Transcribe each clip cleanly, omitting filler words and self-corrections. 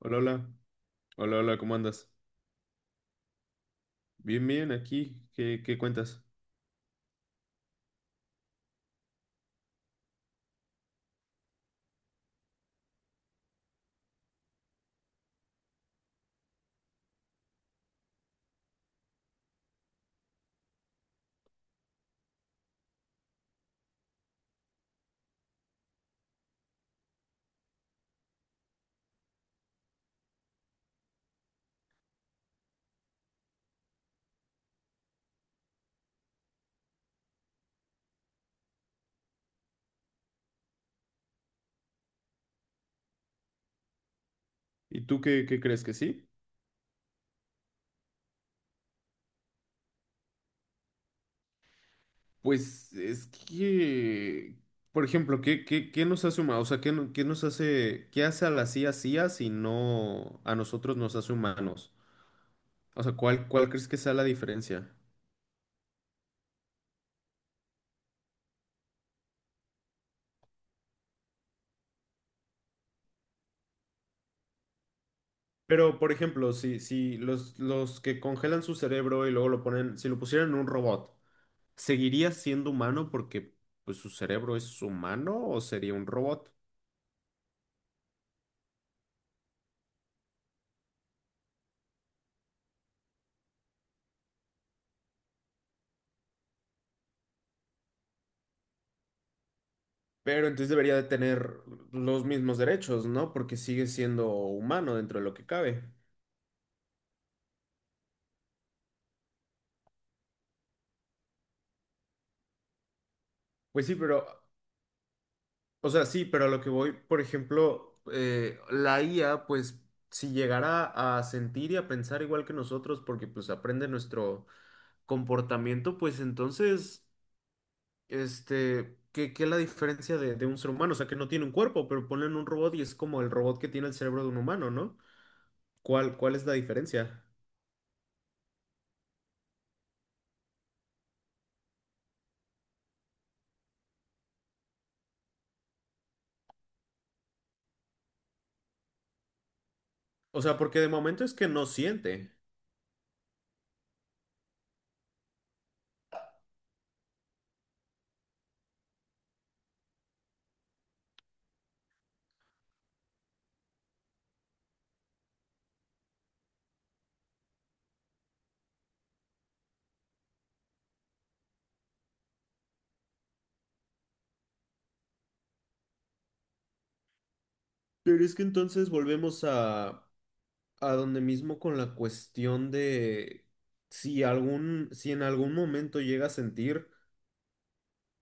Hola, hola. Hola, hola, ¿cómo andas? Bien, bien, aquí. ¿Qué cuentas? ¿Y tú qué crees que sí? Pues es que, por ejemplo, ¿qué nos hace humanos? O sea, ¿qué, no- qué nos hace, qué hace a la CIA si no a nosotros nos hace humanos? O sea, ¿cuál crees que sea la diferencia? Pero, por ejemplo, si los que congelan su cerebro y luego lo ponen, si lo pusieran en un robot, ¿seguiría siendo humano porque pues, su cerebro es humano o sería un robot? Pero entonces debería de tener los mismos derechos, ¿no? Porque sigue siendo humano dentro de lo que cabe. Pues sí, pero, o sea, sí, pero a lo que voy, por ejemplo, la IA, pues si llegara a sentir y a pensar igual que nosotros, porque pues aprende nuestro comportamiento, pues entonces, este, ¿qué es la diferencia de un ser humano? O sea, que no tiene un cuerpo, pero ponen un robot y es como el robot que tiene el cerebro de un humano, ¿no? ¿Cuál es la diferencia? O sea, porque de momento es que no siente. Pero es que entonces volvemos a donde mismo con la cuestión de si en algún momento llega a sentir,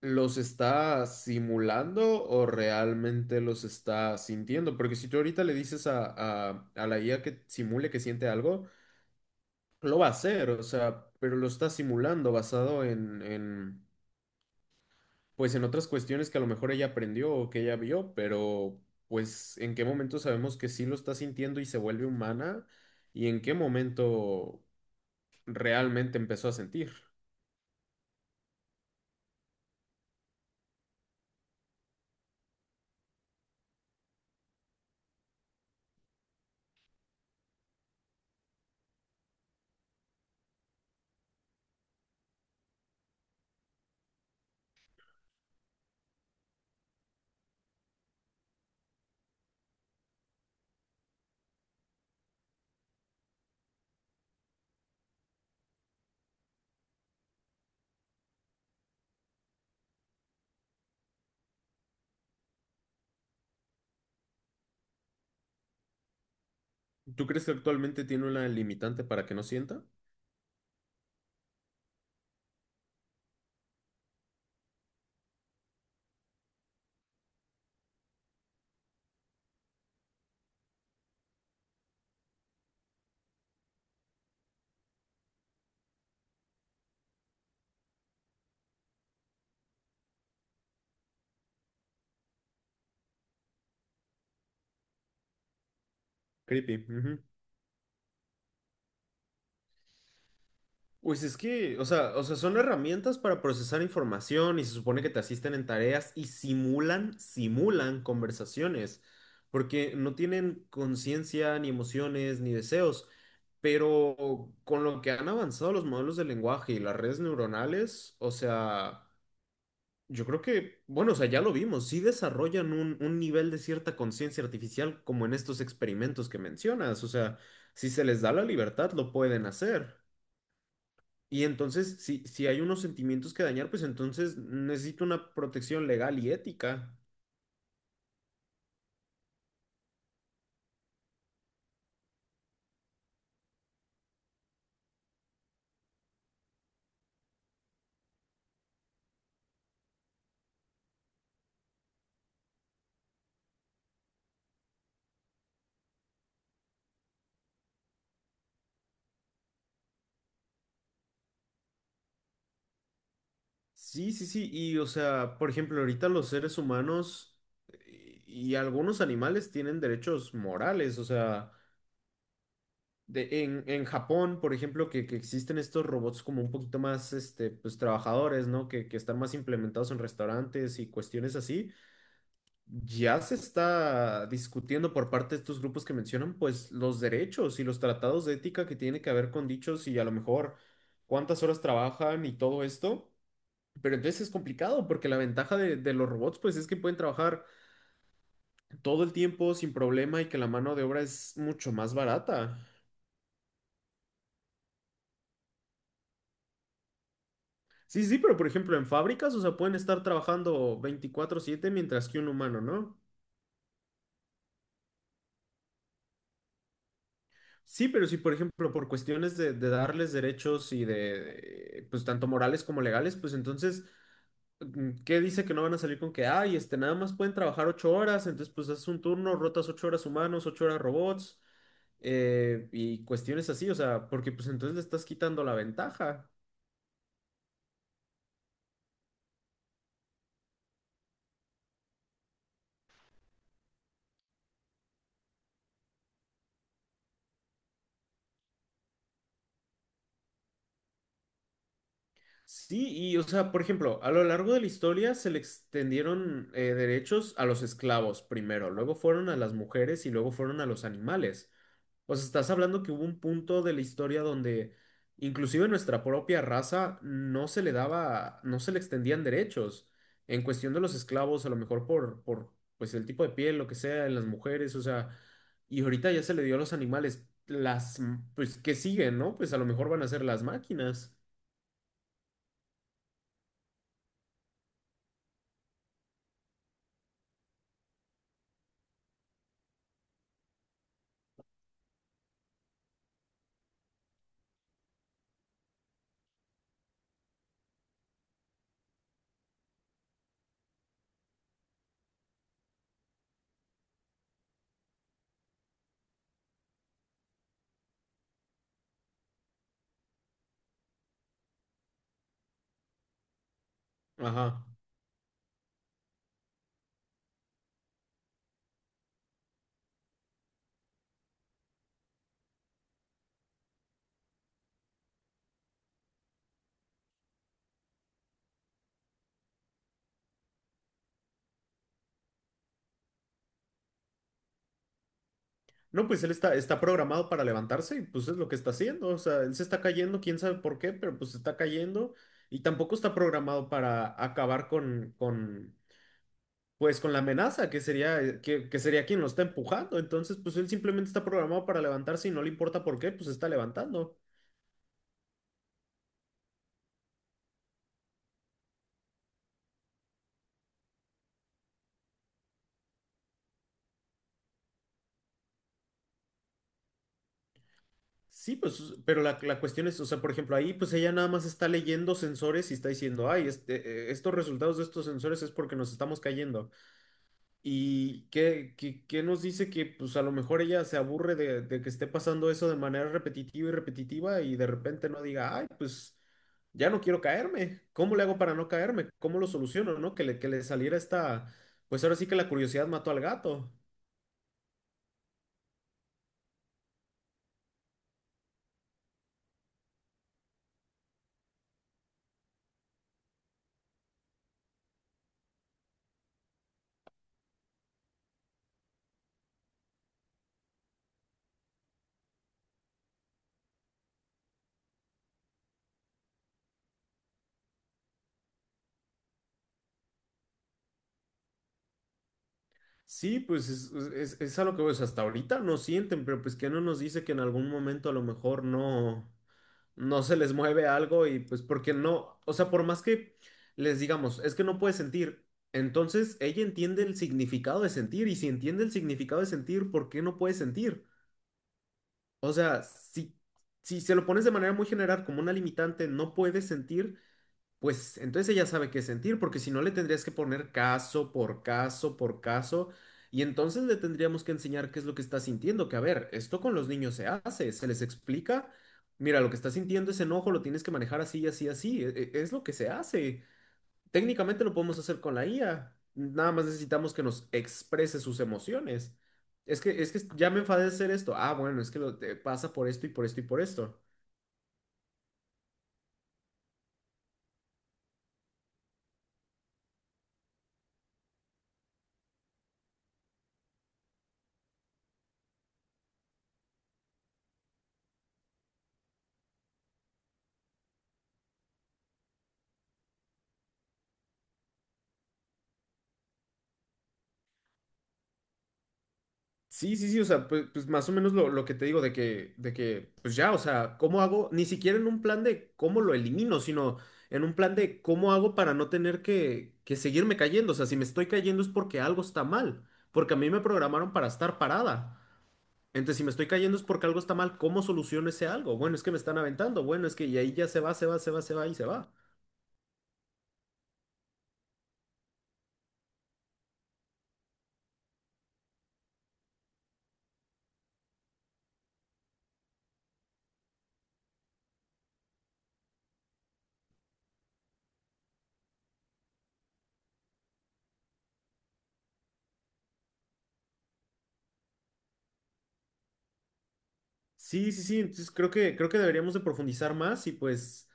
¿los está simulando o realmente los está sintiendo? Porque si tú ahorita le dices a la IA que simule que siente algo, lo va a hacer, o sea, pero lo está simulando basado en pues en otras cuestiones que a lo mejor ella aprendió o que ella vio, pero pues en qué momento sabemos que sí lo está sintiendo y se vuelve humana y en qué momento realmente empezó a sentir. ¿Tú crees que actualmente tiene una limitante para que no sienta? Creepy. Ujú. Pues es que, o sea, son herramientas para procesar información y se supone que te asisten en tareas y simulan conversaciones, porque no tienen conciencia, ni emociones, ni deseos. Pero con lo que han avanzado los modelos de lenguaje y las redes neuronales, o sea, yo creo que, bueno, o sea, ya lo vimos, sí desarrollan un nivel de cierta conciencia artificial como en estos experimentos que mencionas, o sea, si se les da la libertad, lo pueden hacer. Y entonces, si hay unos sentimientos que dañar, pues entonces necesito una protección legal y ética. Sí, sí, sí. Y o sea, por ejemplo, ahorita los seres humanos y algunos animales tienen derechos morales. O sea, en Japón, por ejemplo, que existen estos robots como un poquito más, este, pues trabajadores, ¿no? Que están más implementados en restaurantes y cuestiones así. Ya se está discutiendo por parte de estos grupos que mencionan, pues, los derechos y los tratados de ética que tiene que ver con dichos y a lo mejor cuántas horas trabajan y todo esto. Pero entonces es complicado porque la ventaja de los robots, pues, es que pueden trabajar todo el tiempo sin problema y que la mano de obra es mucho más barata. Sí, sí, pero por ejemplo en fábricas, o sea, pueden estar trabajando veinticuatro siete mientras que un humano, ¿no? Sí, pero si, por ejemplo, por cuestiones de darles derechos y de, pues, tanto morales como legales, pues entonces, ¿qué dice que no van a salir con que, ay, este, nada más pueden trabajar ocho horas, entonces, pues, haces un turno, rotas ocho horas humanos, ocho horas robots, y cuestiones así, o sea, porque, pues, entonces le estás quitando la ventaja. Sí, y o sea, por ejemplo, a lo largo de la historia se le extendieron derechos a los esclavos primero, luego fueron a las mujeres y luego fueron a los animales. O sea, estás hablando que hubo un punto de la historia donde inclusive nuestra propia raza no se le daba, no se le extendían derechos. En cuestión de los esclavos, a lo mejor por pues el tipo de piel, lo que sea, en las mujeres, o sea, y ahorita ya se le dio a los animales las, pues, que siguen, ¿no? Pues a lo mejor van a ser las máquinas. Ajá. No, pues él está, está programado para levantarse y pues es lo que está haciendo. O sea, él se está cayendo, quién sabe por qué, pero pues se está cayendo y tampoco está programado para acabar pues con la amenaza que sería, que sería quien lo está empujando. Entonces, pues él simplemente está programado para levantarse y no le importa por qué, pues se está levantando. Sí, pues, pero la cuestión es, o sea, por ejemplo, ahí pues ella nada más está leyendo sensores y está diciendo, ay, este, estos resultados de estos sensores es porque nos estamos cayendo. ¿Y qué nos dice que pues a lo mejor ella se aburre de que esté pasando eso de manera repetitiva y repetitiva y de repente no diga, ay, pues ya no quiero caerme, ¿cómo le hago para no caerme? ¿Cómo lo soluciono, no? Que le saliera esta, pues ahora sí que la curiosidad mató al gato. Sí, pues es a lo que pues, hasta ahorita no sienten, pero pues que no nos dice que en algún momento a lo mejor no. No se les mueve algo y pues porque no, o sea, por más que les digamos, es que no puede sentir, entonces ella entiende el significado de sentir y si entiende el significado de sentir, ¿por qué no puede sentir? O sea, si se lo pones de manera muy general como una limitante, no puede sentir, pues entonces ella sabe qué sentir, porque si no le tendrías que poner caso por caso por caso, y entonces le tendríamos que enseñar qué es lo que está sintiendo, que a ver, esto con los niños se hace, se les explica, mira, lo que está sintiendo es enojo, lo tienes que manejar así, así, así, es lo que se hace. Técnicamente lo podemos hacer con la IA, nada más necesitamos que nos exprese sus emociones. Es que ya me enfadé de hacer esto, ah, bueno, es que te pasa por esto y por esto y por esto. Sí, sí, sí, o sea, pues, pues más o menos lo que te digo de que, pues ya, o sea, ¿cómo hago? Ni siquiera en un plan de cómo lo elimino, sino en un plan de cómo hago para no tener que seguirme cayendo. O sea, si me estoy cayendo es porque algo está mal, porque a mí me programaron para estar parada. Entonces, si me estoy cayendo es porque algo está mal, ¿cómo soluciono ese algo? Bueno, es que me están aventando, bueno, es que y ahí ya se va, se va, se va, se va y se va. Sí, sí, sí, entonces creo que deberíamos de profundizar más y pues...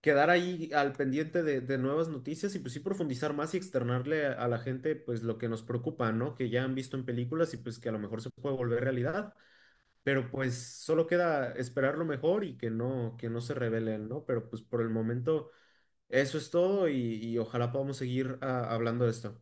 quedar ahí al pendiente de nuevas noticias y pues sí profundizar más y externarle a la gente pues lo que nos preocupa, ¿no? Que ya han visto en películas y pues que a lo mejor se puede volver realidad, pero pues solo queda esperar lo mejor y que no se revelen, ¿no? Pero pues por el momento eso es todo y ojalá podamos seguir hablando de esto.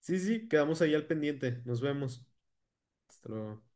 Sí, sí, quedamos ahí al pendiente. Nos vemos. Hasta luego.